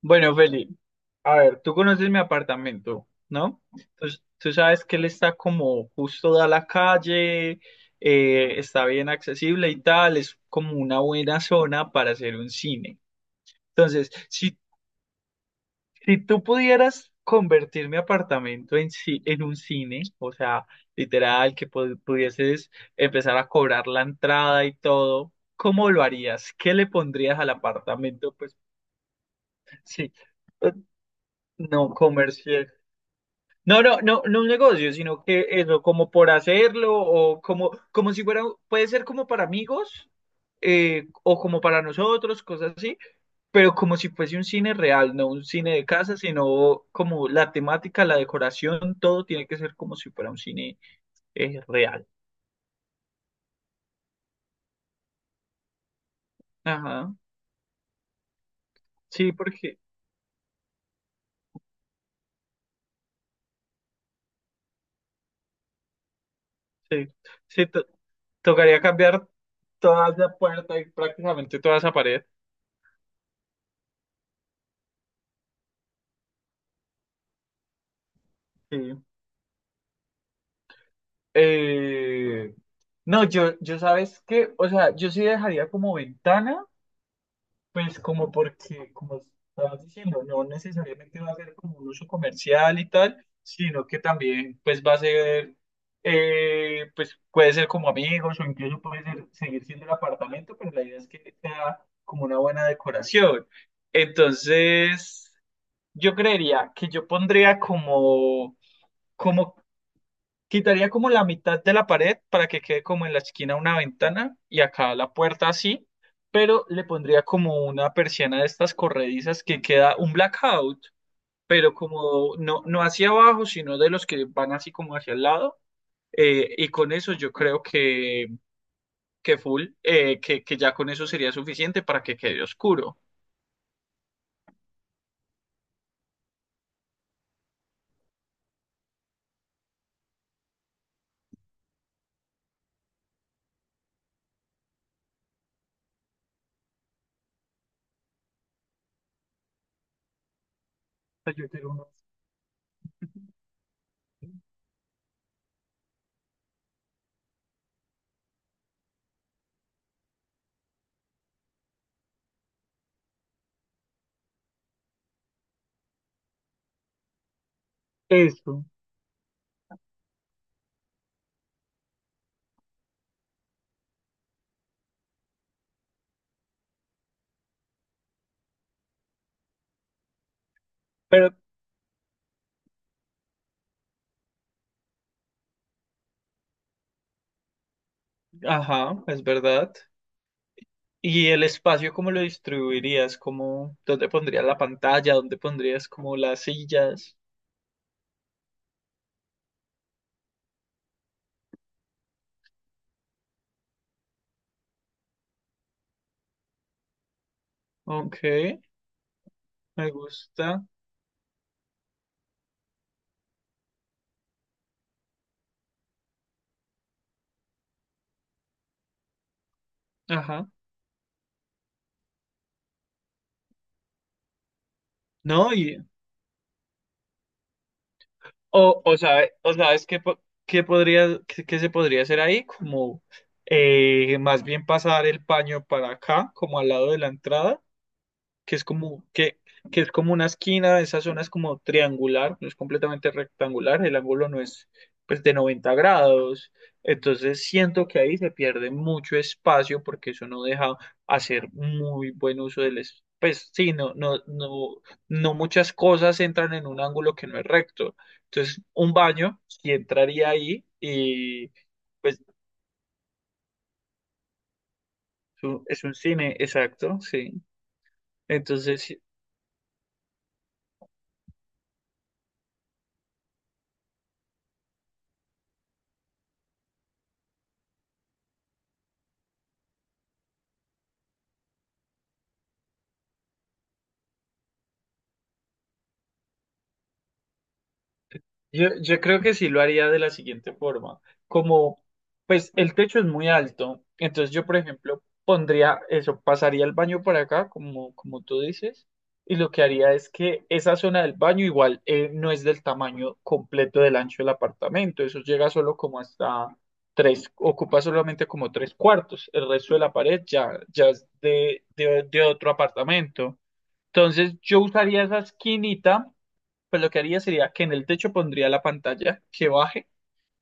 Bueno, Feli, a ver, tú conoces mi apartamento, ¿no? Entonces, tú sabes que él está como justo da la calle, está bien accesible y tal, es como una buena zona para hacer un cine. Entonces, si, si tú pudieras convertir mi apartamento en un cine, o sea, literal, que pudieses empezar a cobrar la entrada y todo, ¿cómo lo harías? ¿Qué le pondrías al apartamento? Pues sí, eh, no comercio. No, no, no, no un negocio, sino que eso, como por hacerlo, o como si fuera, puede ser como para amigos, o como para nosotros, cosas así, pero como si fuese un cine real, no un cine de casa, sino como la temática, la decoración, todo tiene que ser como si fuera un cine real. Ajá, sí, porque sí, sí, tocaría cambiar toda esa puerta y prácticamente toda esa pared. Sí. Eh, no, yo sabes que, o sea, yo sí dejaría como ventana, pues como porque, como estabas diciendo, no necesariamente va a ser como un uso comercial y tal, sino que también pues va a ser, pues puede ser como amigos o incluso puede ser seguir siendo el apartamento, pero la idea es que sea como una buena decoración. Entonces, yo creería que yo pondría como. Quitaría como la mitad de la pared para que quede como en la esquina una ventana y acá la puerta así, pero le pondría como una persiana de estas corredizas que queda un blackout, pero como no, no hacia abajo, sino de los que van así como hacia el lado. Y con eso yo creo que full, que ya con eso sería suficiente para que quede oscuro. Yo quiero uno. Eso. Pero, ajá, es verdad. ¿Y el espacio cómo lo distribuirías? ¿Cómo, dónde pondrías la pantalla? ¿Dónde pondrías como las sillas? Ok, me gusta. Ajá. No, y o sabes qué, qué podría, qué se podría hacer ahí, como más bien pasar el paño para acá, como al lado de la entrada. Que es como, que es como una esquina, esa zona es como triangular, no es completamente rectangular, el ángulo no es pues de 90 grados, entonces siento que ahí se pierde mucho espacio porque eso no deja hacer muy buen uso del espacio. Pues sí, no, no, no, no muchas cosas entran en un ángulo que no es recto. Entonces, un baño sí entraría ahí y pues es un cine, exacto, sí. Entonces, yo creo que sí lo haría de la siguiente forma. Como, pues el techo es muy alto, entonces yo, por ejemplo, pondría eso, pasaría el baño por acá, como, como tú dices, y lo que haría es que esa zona del baño igual no es del tamaño completo del ancho del apartamento, eso llega solo como hasta tres, ocupa solamente como tres cuartos, el resto de la pared ya, ya es de otro apartamento. Entonces yo usaría esa esquinita, pues lo que haría sería que en el techo pondría la pantalla que baje,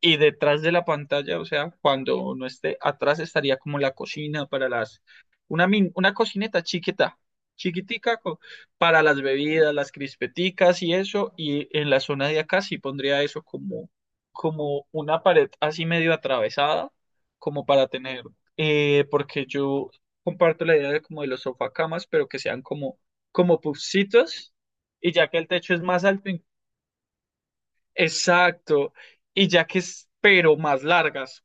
y detrás de la pantalla, o sea, cuando no esté atrás estaría como la cocina para las, una cocineta chiquita, chiquitica para las bebidas, las crispeticas y eso, y en la zona de acá sí pondría eso como una pared así medio atravesada, como para tener, porque yo comparto la idea de como de los sofacamas, pero que sean como pufcitos, y ya que el techo es más alto, exacto. Y ya que es, pero más largas,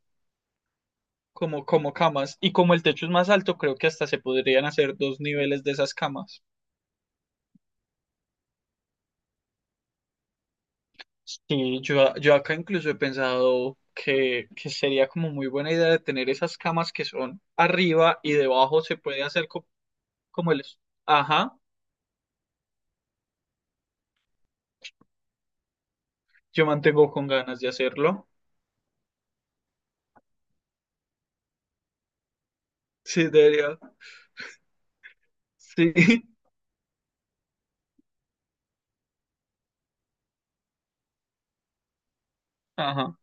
como camas. Y como el techo es más alto, creo que hasta se podrían hacer dos niveles de esas camas. Sí, yo acá incluso he pensado que sería como muy buena idea de tener esas camas que son arriba y debajo se puede hacer como el. Ajá, yo mantengo con ganas de hacerlo. Sí, debería. Sí, ajá.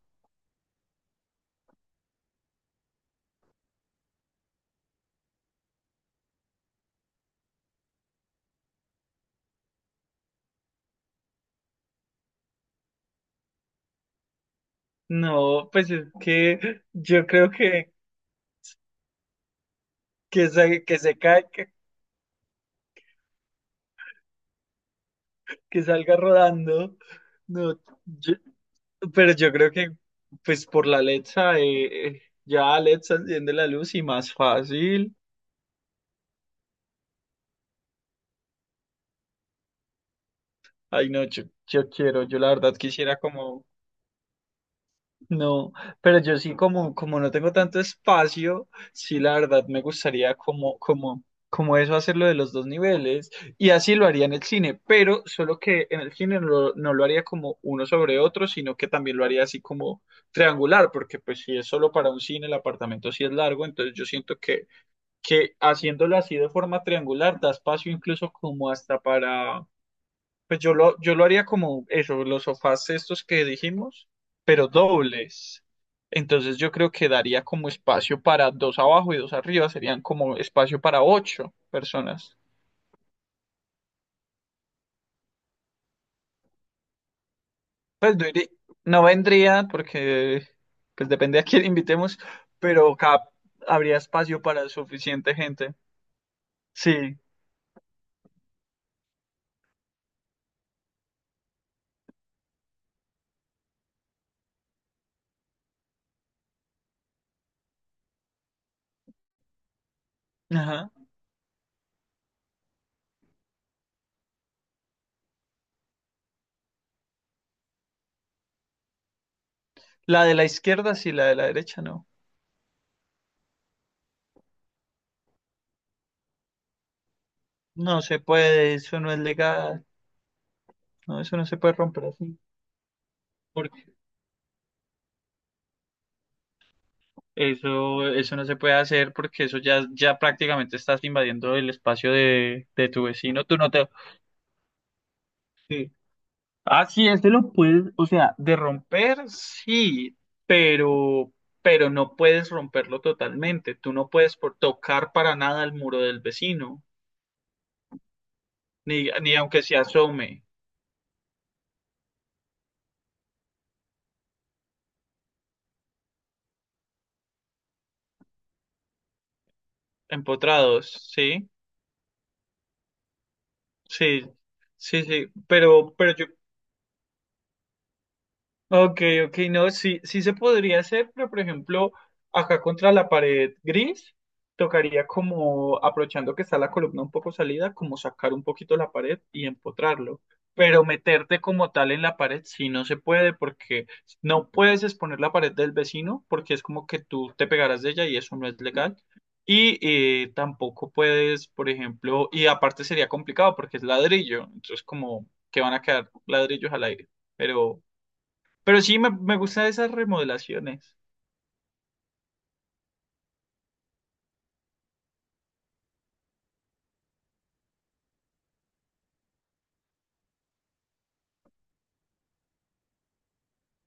No, pues es que yo creo que se cae. Que salga rodando. No, yo- pero yo creo que pues por la Alexa, ya Alexa enciende la luz y más fácil. Ay, no, yo quiero, yo la verdad quisiera como. No, pero yo sí como, no tengo tanto espacio, sí la verdad me gustaría como eso hacerlo de los dos niveles, y así lo haría en el cine, pero solo que en el cine no, lo no lo haría como uno sobre otro, sino que también lo haría así como triangular, porque pues si es solo para un cine, el apartamento sí es largo, entonces yo siento que haciéndolo así de forma triangular da espacio incluso como hasta para, pues yo lo haría como eso, los sofás estos que dijimos, pero dobles. Entonces yo creo que daría como espacio para dos abajo y dos arriba, serían como espacio para ocho personas. Pues no, no vendría porque pues depende a quién invitemos, pero habría espacio para suficiente gente. Sí, ajá. La de la izquierda sí, la de la derecha no. No se puede, eso no es legal. No, eso no se puede romper así. Eso no se puede hacer porque eso ya, ya prácticamente estás invadiendo el espacio de tu vecino. Tú no te... Sí. Ah, sí, este lo puedes, o sea, de romper, sí, pero, pero no puedes romperlo totalmente. Tú no puedes por tocar para nada el muro del vecino, ni aunque se asome, empotrados, ¿sí? Sí, sí, sí, pero yo. Ok, ok, no, sí, sí se podría hacer, pero por ejemplo, acá contra la pared gris, tocaría como, aprovechando que está la columna un poco salida, como sacar un poquito la pared y empotrarlo. Pero meterte como tal en la pared sí no se puede, porque no puedes exponer la pared del vecino, porque es como que tú te pegarás de ella y eso no es legal. Y tampoco puedes, por ejemplo, y aparte sería complicado porque es ladrillo, entonces como que van a quedar ladrillos al aire, pero... Pero sí me gustan esas remodelaciones.